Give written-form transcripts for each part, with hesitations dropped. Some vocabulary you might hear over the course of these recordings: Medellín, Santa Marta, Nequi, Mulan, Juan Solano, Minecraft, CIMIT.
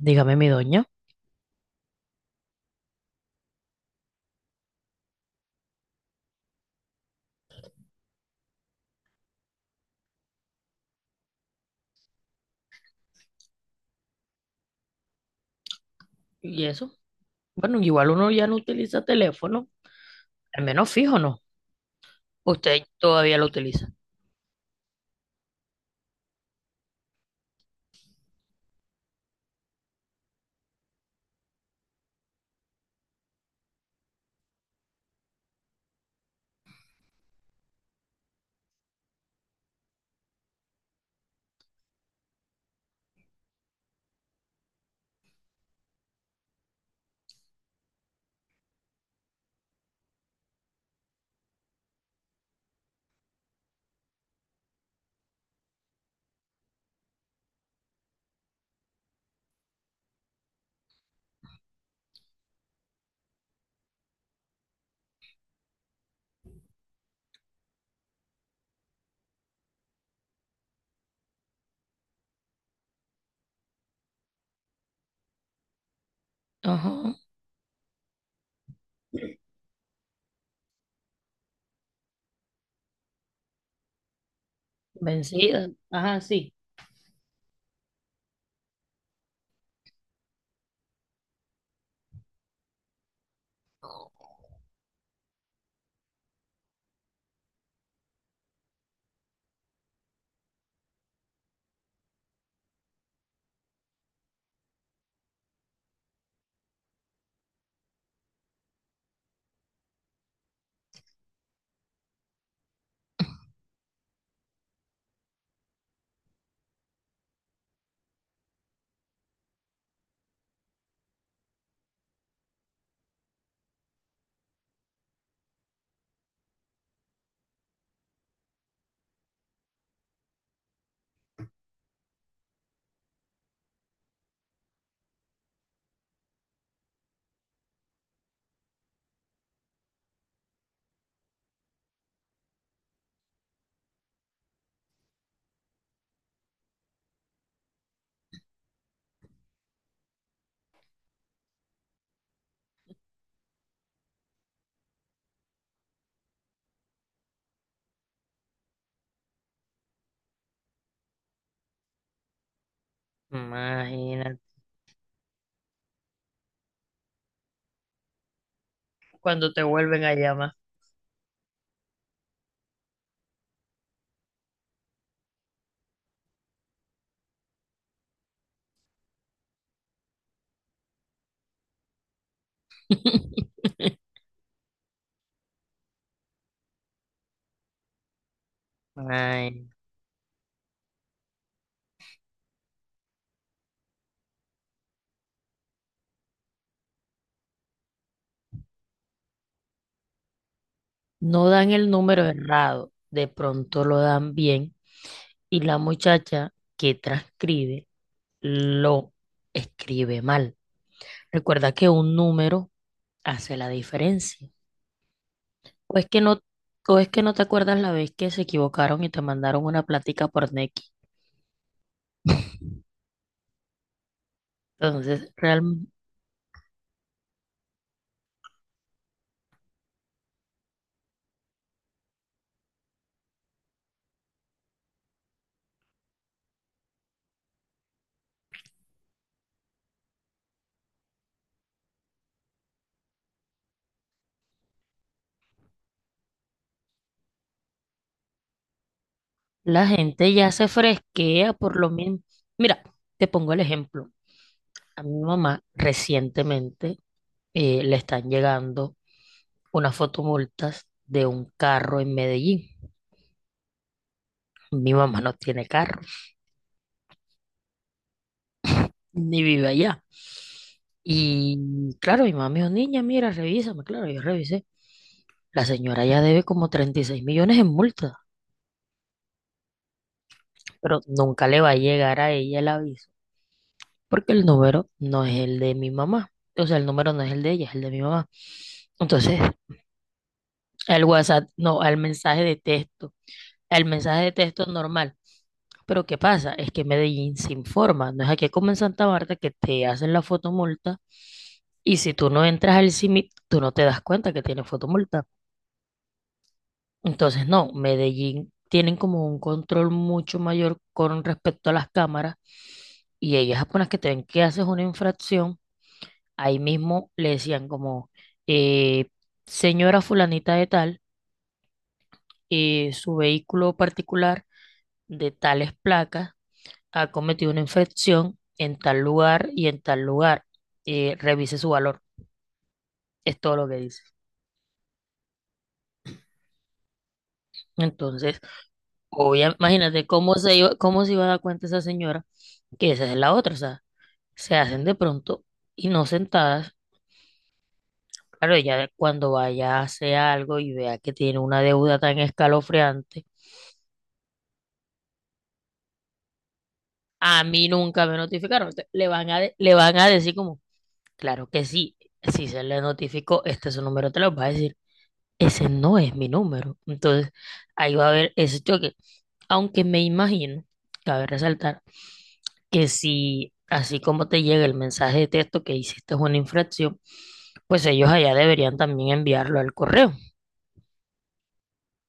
Dígame, mi doña. Y eso. Bueno, igual uno ya no utiliza teléfono. Al menos fijo, ¿no? Usted todavía lo utiliza. Ajá. Vencida. Ajá, sí. Imagínate. Cuando te vuelven a llamar. Ay, no dan el número errado, de pronto lo dan bien y la muchacha que transcribe lo escribe mal. Recuerda que un número hace la diferencia. O es que no, o es que no te acuerdas la vez que se equivocaron y te mandaron una plática por Nequi. Entonces, la gente ya se fresquea por lo mismo. Mira, te pongo el ejemplo. A mi mamá recientemente le están llegando unas fotomultas de un carro en Medellín. Mi mamá no tiene carro, ni vive allá. Y claro, mi mamá me dijo, niña, mira, revísame. Claro, yo revisé. La señora ya debe como 36 millones en multas. Pero nunca le va a llegar a ella el aviso, porque el número no es el de mi mamá. O sea, el número no es el de ella, es el de mi mamá. Entonces, el WhatsApp, no, el mensaje de texto, el mensaje de texto normal. Pero ¿qué pasa? Es que Medellín se informa, no es aquí como en Santa Marta que te hacen la fotomulta y si tú no entras al CIMIT, tú no te das cuenta que tiene fotomulta. Entonces, no, Medellín tienen como un control mucho mayor con respecto a las cámaras y ellas apenas que te ven que haces una infracción, ahí mismo le decían como, eh, señora fulanita de tal, su vehículo particular de tales placas ha cometido una infracción en tal lugar y en tal lugar, revise su valor, es todo lo que dice. Entonces, imagínate cómo se iba a dar cuenta esa señora que esa es la otra, o sea, se hacen de pronto y no sentadas. Claro, ella cuando vaya a hacer algo y vea que tiene una deuda tan escalofriante, a mí nunca me notificaron. Le van a, le van a decir como, claro que sí, si se le notificó, este es su número, te lo va a decir, ese no es mi número. Entonces, ahí va a haber ese choque. Aunque me imagino, cabe resaltar, que si así como te llega el mensaje de texto que hiciste una infracción, pues ellos allá deberían también enviarlo al correo.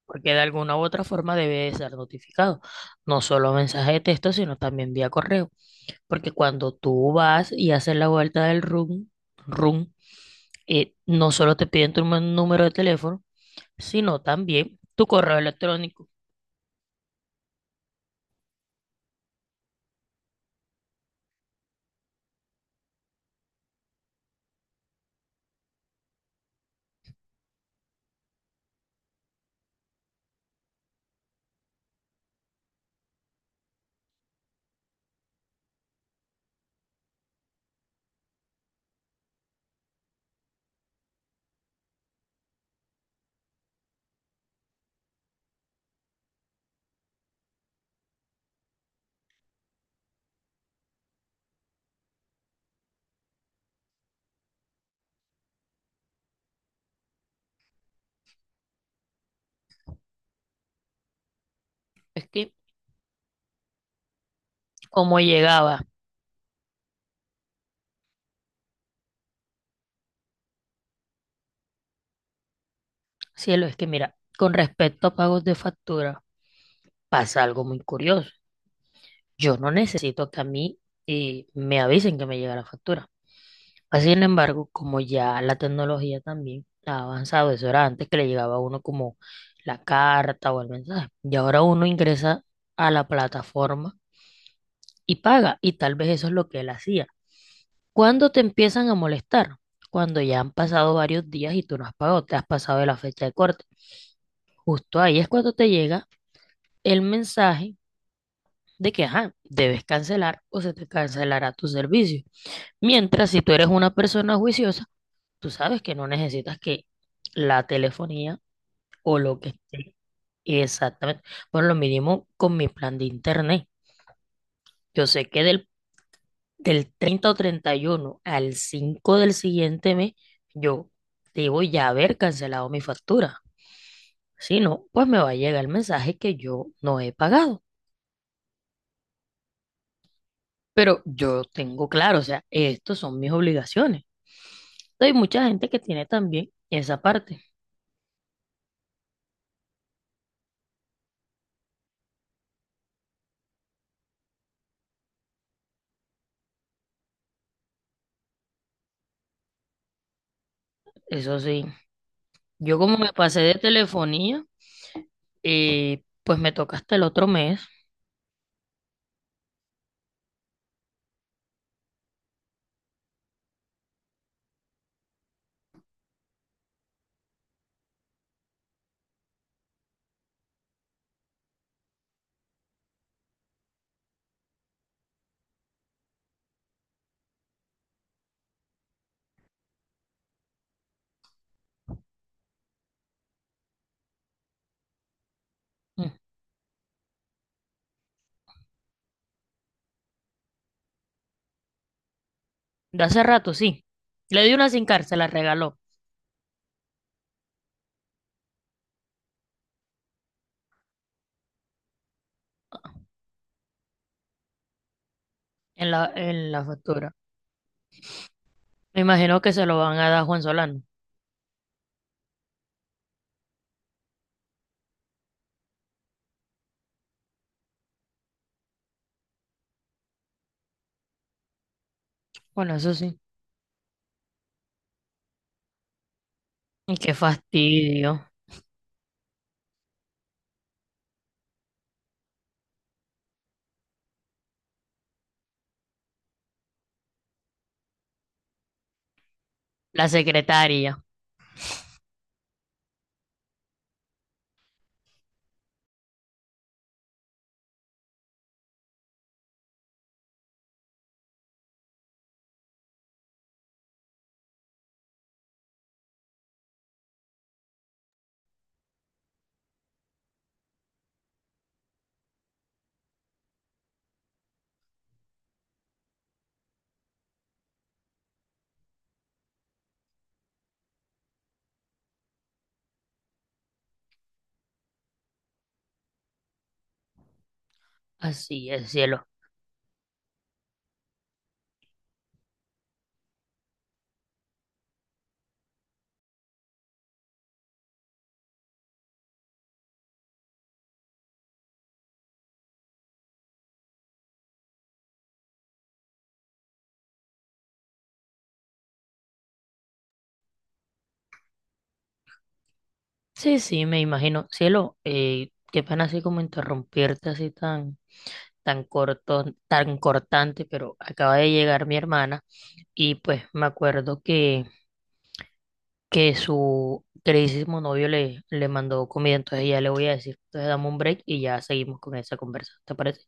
Porque de alguna u otra forma debe de ser notificado, no solo mensaje de texto, sino también vía correo, porque cuando tú vas y haces la vuelta del room, no solo te piden tu número de teléfono, sino también tu correo electrónico. Es que, como llegaba, cielo, es que mira, con respecto a pagos de factura, pasa algo muy curioso. Yo no necesito que a mí me avisen que me llega la factura. Así sin embargo, como ya la tecnología también ha avanzado, eso era antes que le llegaba a uno como la carta o el mensaje, y ahora uno ingresa a la plataforma y paga, y tal vez eso es lo que él hacía. ¿Cuándo te empiezan a molestar? Cuando ya han pasado varios días y tú no has pagado, te has pasado de la fecha de corte. Justo ahí es cuando te llega el mensaje de que, ajá, debes cancelar o se te cancelará tu servicio. Mientras, si tú eres una persona juiciosa, tú sabes que no necesitas que la telefonía o lo que esté exactamente. Bueno, lo mínimo con mi plan de internet. Yo sé que del 30 o 31 al 5 del siguiente mes, yo debo ya haber cancelado mi factura. Si no, pues me va a llegar el mensaje que yo no he pagado. Pero yo tengo claro, o sea, estos son mis obligaciones. Hay mucha gente que tiene también esa parte. Eso sí, yo como me pasé de telefonía, pues me toca hasta el otro mes. Mm, de hace rato, sí. Le di una sin cárcel, se la regaló en la factura. Me imagino que se lo van a dar a Juan Solano. Bueno, eso sí. Y qué fastidio. La secretaria. Así es, cielo. Sí, sí, me imagino. Cielo, qué pena así como interrumpirte así tan, tan corto, tan cortante, pero acaba de llegar mi hermana y pues me acuerdo que su queridísimo novio le, le mandó comida, entonces ya le voy a decir, entonces dame un break y ya seguimos con esa conversa, ¿te parece?